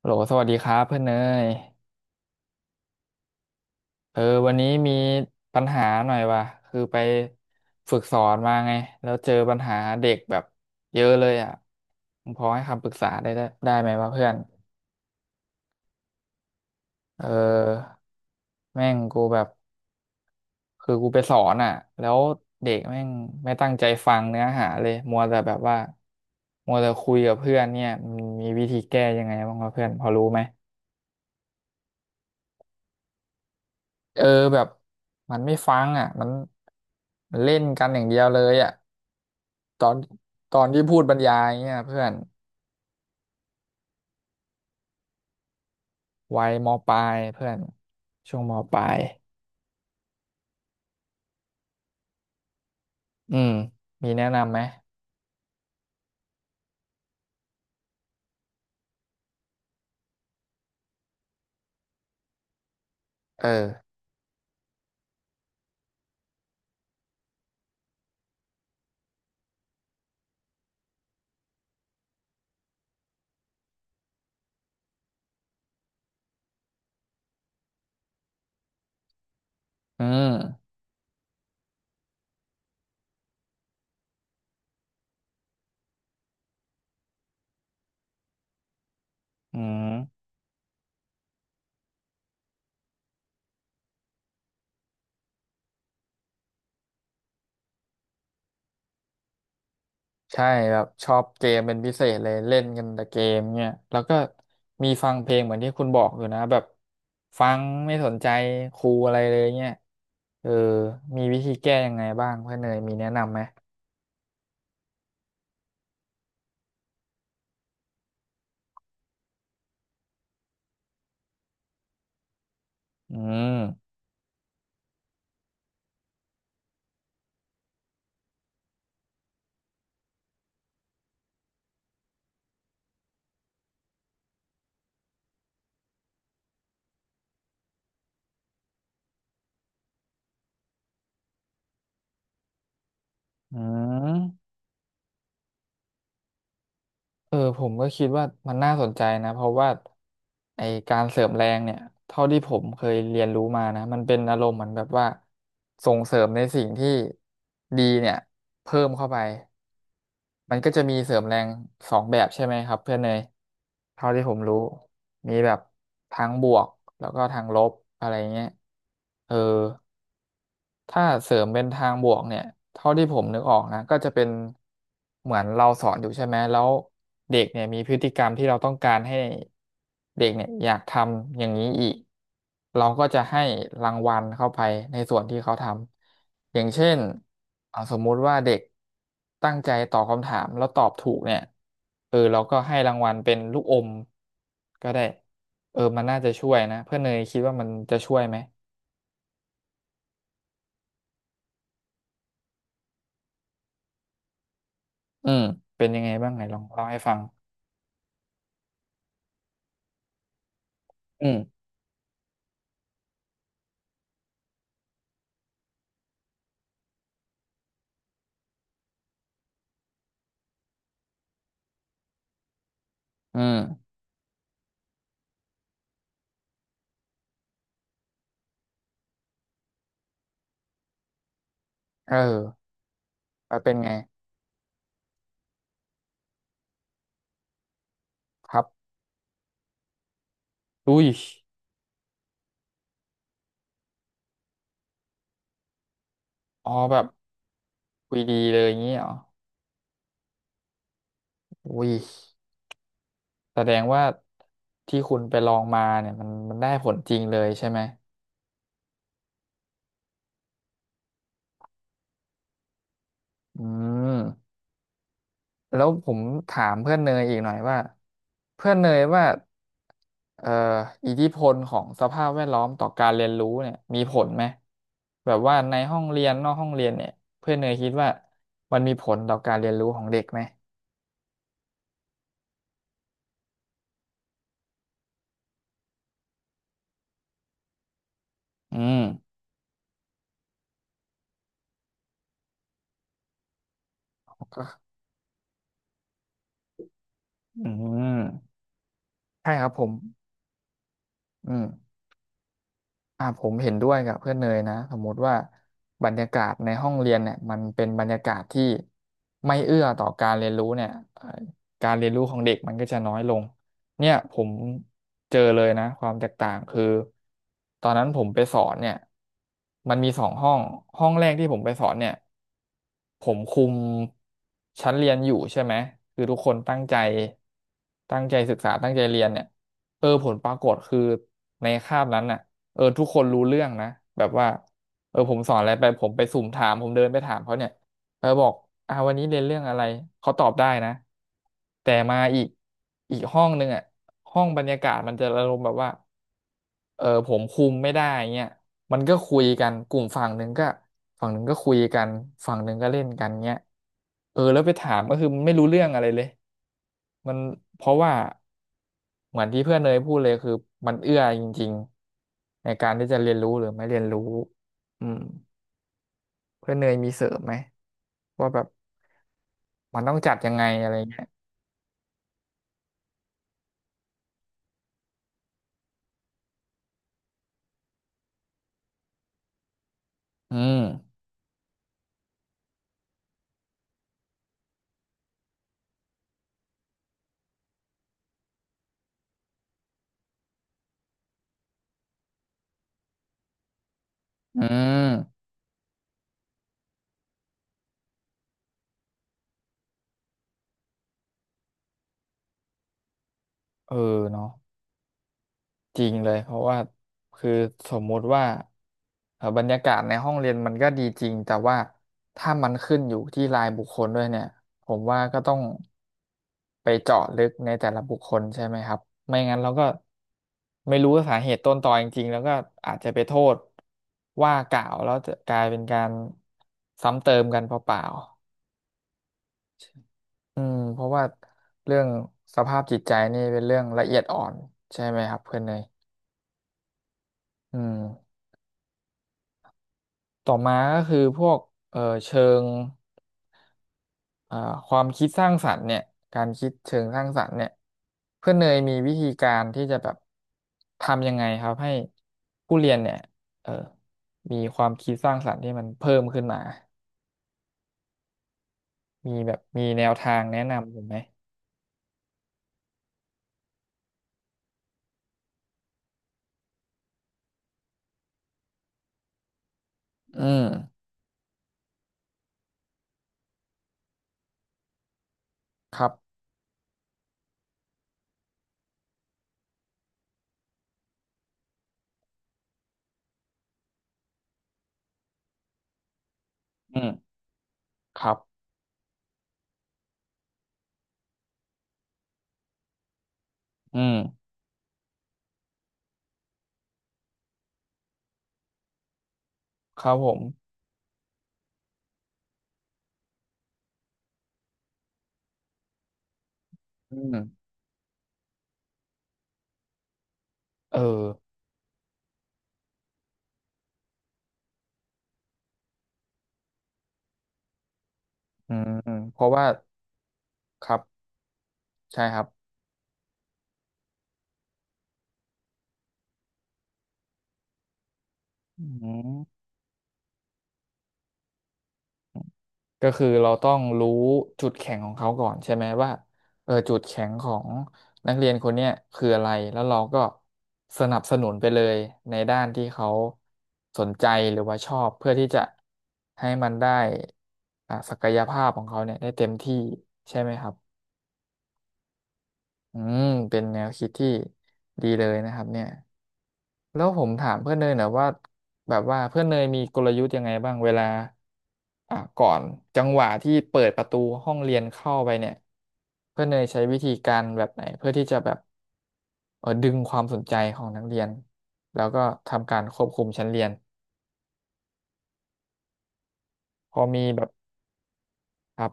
โหลสวัสดีครับเพื่อนเนยเออวันนี้มีปัญหาหน่อยว่ะคือไปฝึกสอนมาไงแล้วเจอปัญหาเด็กแบบเยอะเลยอ่ะมึงพอให้คำปรึกษาได้ไหมวะเพื่อนเออแม่งกูแบบคือกูไปสอนอ่ะแล้วเด็กแม่งไม่ตั้งใจฟังเนื้อหาเลยมัวแต่แบบว่ามัวแต่คุยกับเพื่อนเนี่ยมันมีวิธีแก้ยังไงบ้างวะเพื่อนพอรู้ไหม เออแบบมันไม่ฟังอ่ะมันเล่นกันอย่างเดียวเลยอ่ะตอนตอนที่พูดบรรยายเนี่ยเพื่อนวัยมปลายเพื่อนช่วงมปลายอืมมีแนะนำไหมเอออืมอืมใช่แบบชอบเกมเป็นพิเศษเลยเล่นกันแต่เกมเนี่ยแล้วก็มีฟังเพลงเหมือนที่คุณบอกอยู่นะแบบฟังไม่สนใจครูอะไรเลยเนี่ยเออมีวิธีแก้ยังไงบ้างเพื่อนเนยมีแนะนำไหมอืม อืมผมก็คิดว่ามันน่าสนใจนะเพราะว่าไอการเสริมแรงเนี่ยเท่าที่ผมเคยเรียนรู้มานะมันเป็นอารมณ์เหมือนแบบว่าส่งเสริมในสิ่งที่ดีเนี่ยเพิ่มเข้าไปมันก็จะมีเสริมแรงสองแบบใช่ไหมครับเพื่อนเนยเท่าที่ผมรู้มีแบบทางบวกแล้วก็ทางลบอะไรเงี้ยเออ ถ้าเสริมเป็นทางบวกเนี่ยเท่าที่ผมนึกออกนะก็จะเป็นเหมือนเราสอนอยู่ใช่ไหมแล้วเด็กเนี่ยมีพฤติกรรมที่เราต้องการให้เด็กเนี่ยอยากทำอย่างนี้อีกเราก็จะให้รางวัลเข้าไปในส่วนที่เขาทำอย่างเช่นเอาสมมุติว่าเด็กตั้งใจตอบคำถามแล้วตอบถูกเนี่ยเราก็ให้รางวัลเป็นลูกอมก็ได้มันน่าจะช่วยนะเพื่อนเนยคิดว่ามันจะช่วยไหม อืมเป็นยังไงบ้างไหนลองเล่าให้ฟังอืมอืมเออแล้วเป็นไงครับอุ้ยอ๋อแบบคุยดีเลยอย่างงี้เหรออุ้ยแสดงว่าที่คุณไปลองมาเนี่ยมันได้ผลจริงเลยใช่ไหมอืม แล้วผมถามเพื่อนเนยอีกหน่อยว่าเพื่อนเนยว่าเอ่ออิทธิพลของสภาพแวดล้อมต่อการเรียนรู้เนี่ยมีผลไหมแบบว่าในห้องเรียนนอกห้องเรียนเนี่ยเพื่อนเนยคิดว่ามันมีผลต่อการเรียนรู้ของเด็กไหมอืมก็อืมใช่ครับผมอืม ผมเห็นด้วยกับเพื่อนเนยนะสมมติว่าบรรยากาศในห้องเรียนเนี่ยมันเป็นบรรยากาศที่ไม่เอื้อต่อการเรียนรู้เนี่ยการเรียนรู้ของเด็กมันก็จะน้อยลงเนี่ยผมเจอเลยนะความแตกต่างคือตอนนั้นผมไปสอนเนี่ยมันมีสองห้องห้องแรกที่ผมไปสอนเนี่ยผมคุมชั้นเรียนอยู่ใช่ไหมคือทุกคนตั้งใจตั้งใจศึกษาตั้งใจเรียนเนี่ยผลปรากฏคือในคาบนั้นน่ะ ทุกคนรู้เรื่องนะแบบว่าผมสอนอะไรไปผมไปสุ่มถามผมเดินไปถามเขาเนี่ยบอกวันนี้เรียนเรื่องอะไรเขาตอบได้นะแต่มาอีกอีกห้องหนึงอ่ะห้องบรรยากาศมันจะอารมณ์แบบว่าผมคุมไม่ได้เงี้ย มันก็คุยกันกลุ่มฝั่งหนึ่งก็ฝั่งหนึ่งก็คุยกันฝั่งหนึ่งก็เล่นกันเงี้ยแล้วไปถามก็คือมันไม่รู้เรื่องอะไรเลยมันเพราะว่าเหมือนที่เพื่อนเนยพูดเลยคือมันเอื้อจริงๆในการที่จะเรียนรู้หรือไม่เรียนรู้อืมเพื่อนเนยมีเสริมไหมว่าแบบมันต้องจัดยังไงอะไรเงี้ยอืมอืมเออเนาะ จริงเลยเพราะว่าคือสมมุติว่าบรรยากาศในห้องเรียนมันก็ดีจริงแต่ว่าถ้ามันขึ้นอยู่ที่รายบุคคลด้วยเนี่ยผมว่าก็ต้องไปเจาะลึกในแต่ละบุคคลใช่ไหมครับไม่งั้นเราก็ไม่รู้สาเหตุต้นตอจริงๆแล้วก็อาจจะไปโทษว่ากล่าวแล้วจะกลายเป็นการซ้ำเติมกันเปล่าๆอืมเพราะว่าเรื่องสภาพจิตใจนี่เป็นเรื่องละเอียดอ่อนใช่ไหมครับเพื่อนเนยอืม ต่อมาก็คือพวกเอ่อเชิงอ่าความคิดสร้างสรรค์เนี่ยการคิดเชิงสร้างสรรค์เนี่ยเพื่อนเนยมีวิธีการที่จะแบบทำยังไงครับให้ผู้เรียนเนี่ยเอ่อมีความคิดสร้างสรรค์ที่มันเพิ่มขึ้นมามีแนวทางแนะนำผมไหมอืมครับอืมครับอืมครับผมอืมเอออืมเพราะว่าครับใช่ครับอืม ก็คือเราต้องรู้จุดแข็งของเขาก่อนใช่ไหมว่าจุดแข็งของนักเรียนคนเนี้ยคืออะไรแล้วเราก็สนับสนุนไปเลยในด้านที่เขาสนใจหรือว่าชอบเพื่อที่จะให้มันได้ศักยภาพของเขาเนี่ยได้เต็มที่ใช่ไหมครับอืมเป็นแนวคิดที่ดีเลยนะครับเนี่ย แล้วผมถามเพื่อนเนยหนะว่าแบบว่าเพื่อนเนยมีกลยุทธ์ยังไงบ้างเวลาก่อนจังหวะที่เปิดประตูห้องเรียนเข้าไปเนี่ยเพื่อนเนยใช้วิธีการแบบไหนเพื่อที่จะแบบดึงความสนใจของนักเรียนแล้วก็ทำการควบคุมชั้นเรียนพอมีแบบครับ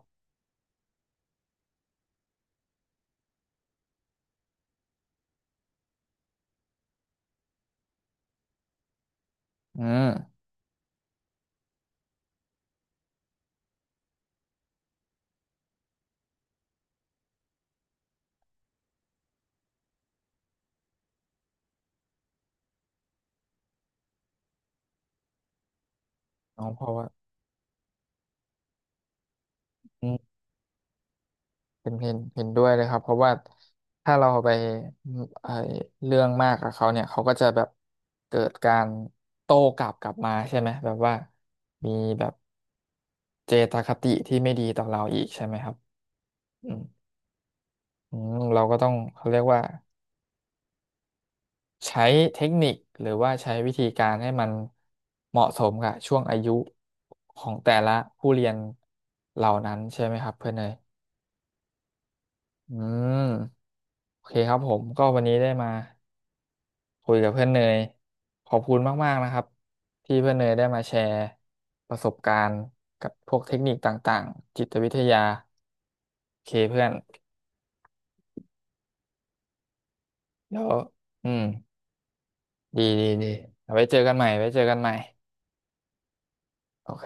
อืมน้องพอว่า เห็นด้วยเลยครับเพราะว่าถ้าเราไปไอเรื่องมากกับเขาเนี่ยเขาก็จะแบบเกิดการโต้กลับมาใช่ไหมแบบว่ามีแบบเจตคติที่ไม่ดีต่อเราอีกใช่ไหมครับอืมอืมเราก็ต้องเขาเรียกว่าใช้เทคนิคหรือว่าใช้วิธีการให้มันเหมาะสมกับช่วงอายุของแต่ละผู้เรียนเหล่านั้นใช่ไหมครับเพื่อนเนยอืมโอเคครับผมก็วันนี้ได้มา คุยกับเพื่อนเนยขอบคุณมากๆนะครับที่เพื่อนเนยได้มาแชร์ประสบการณ์กับพวกเทคนิคต่างๆจิตวิทยาโอเคเพื่อนแล้วอืมดีเอาไว้เจอกันใหม่ไว้เจอกันใหม่โอเค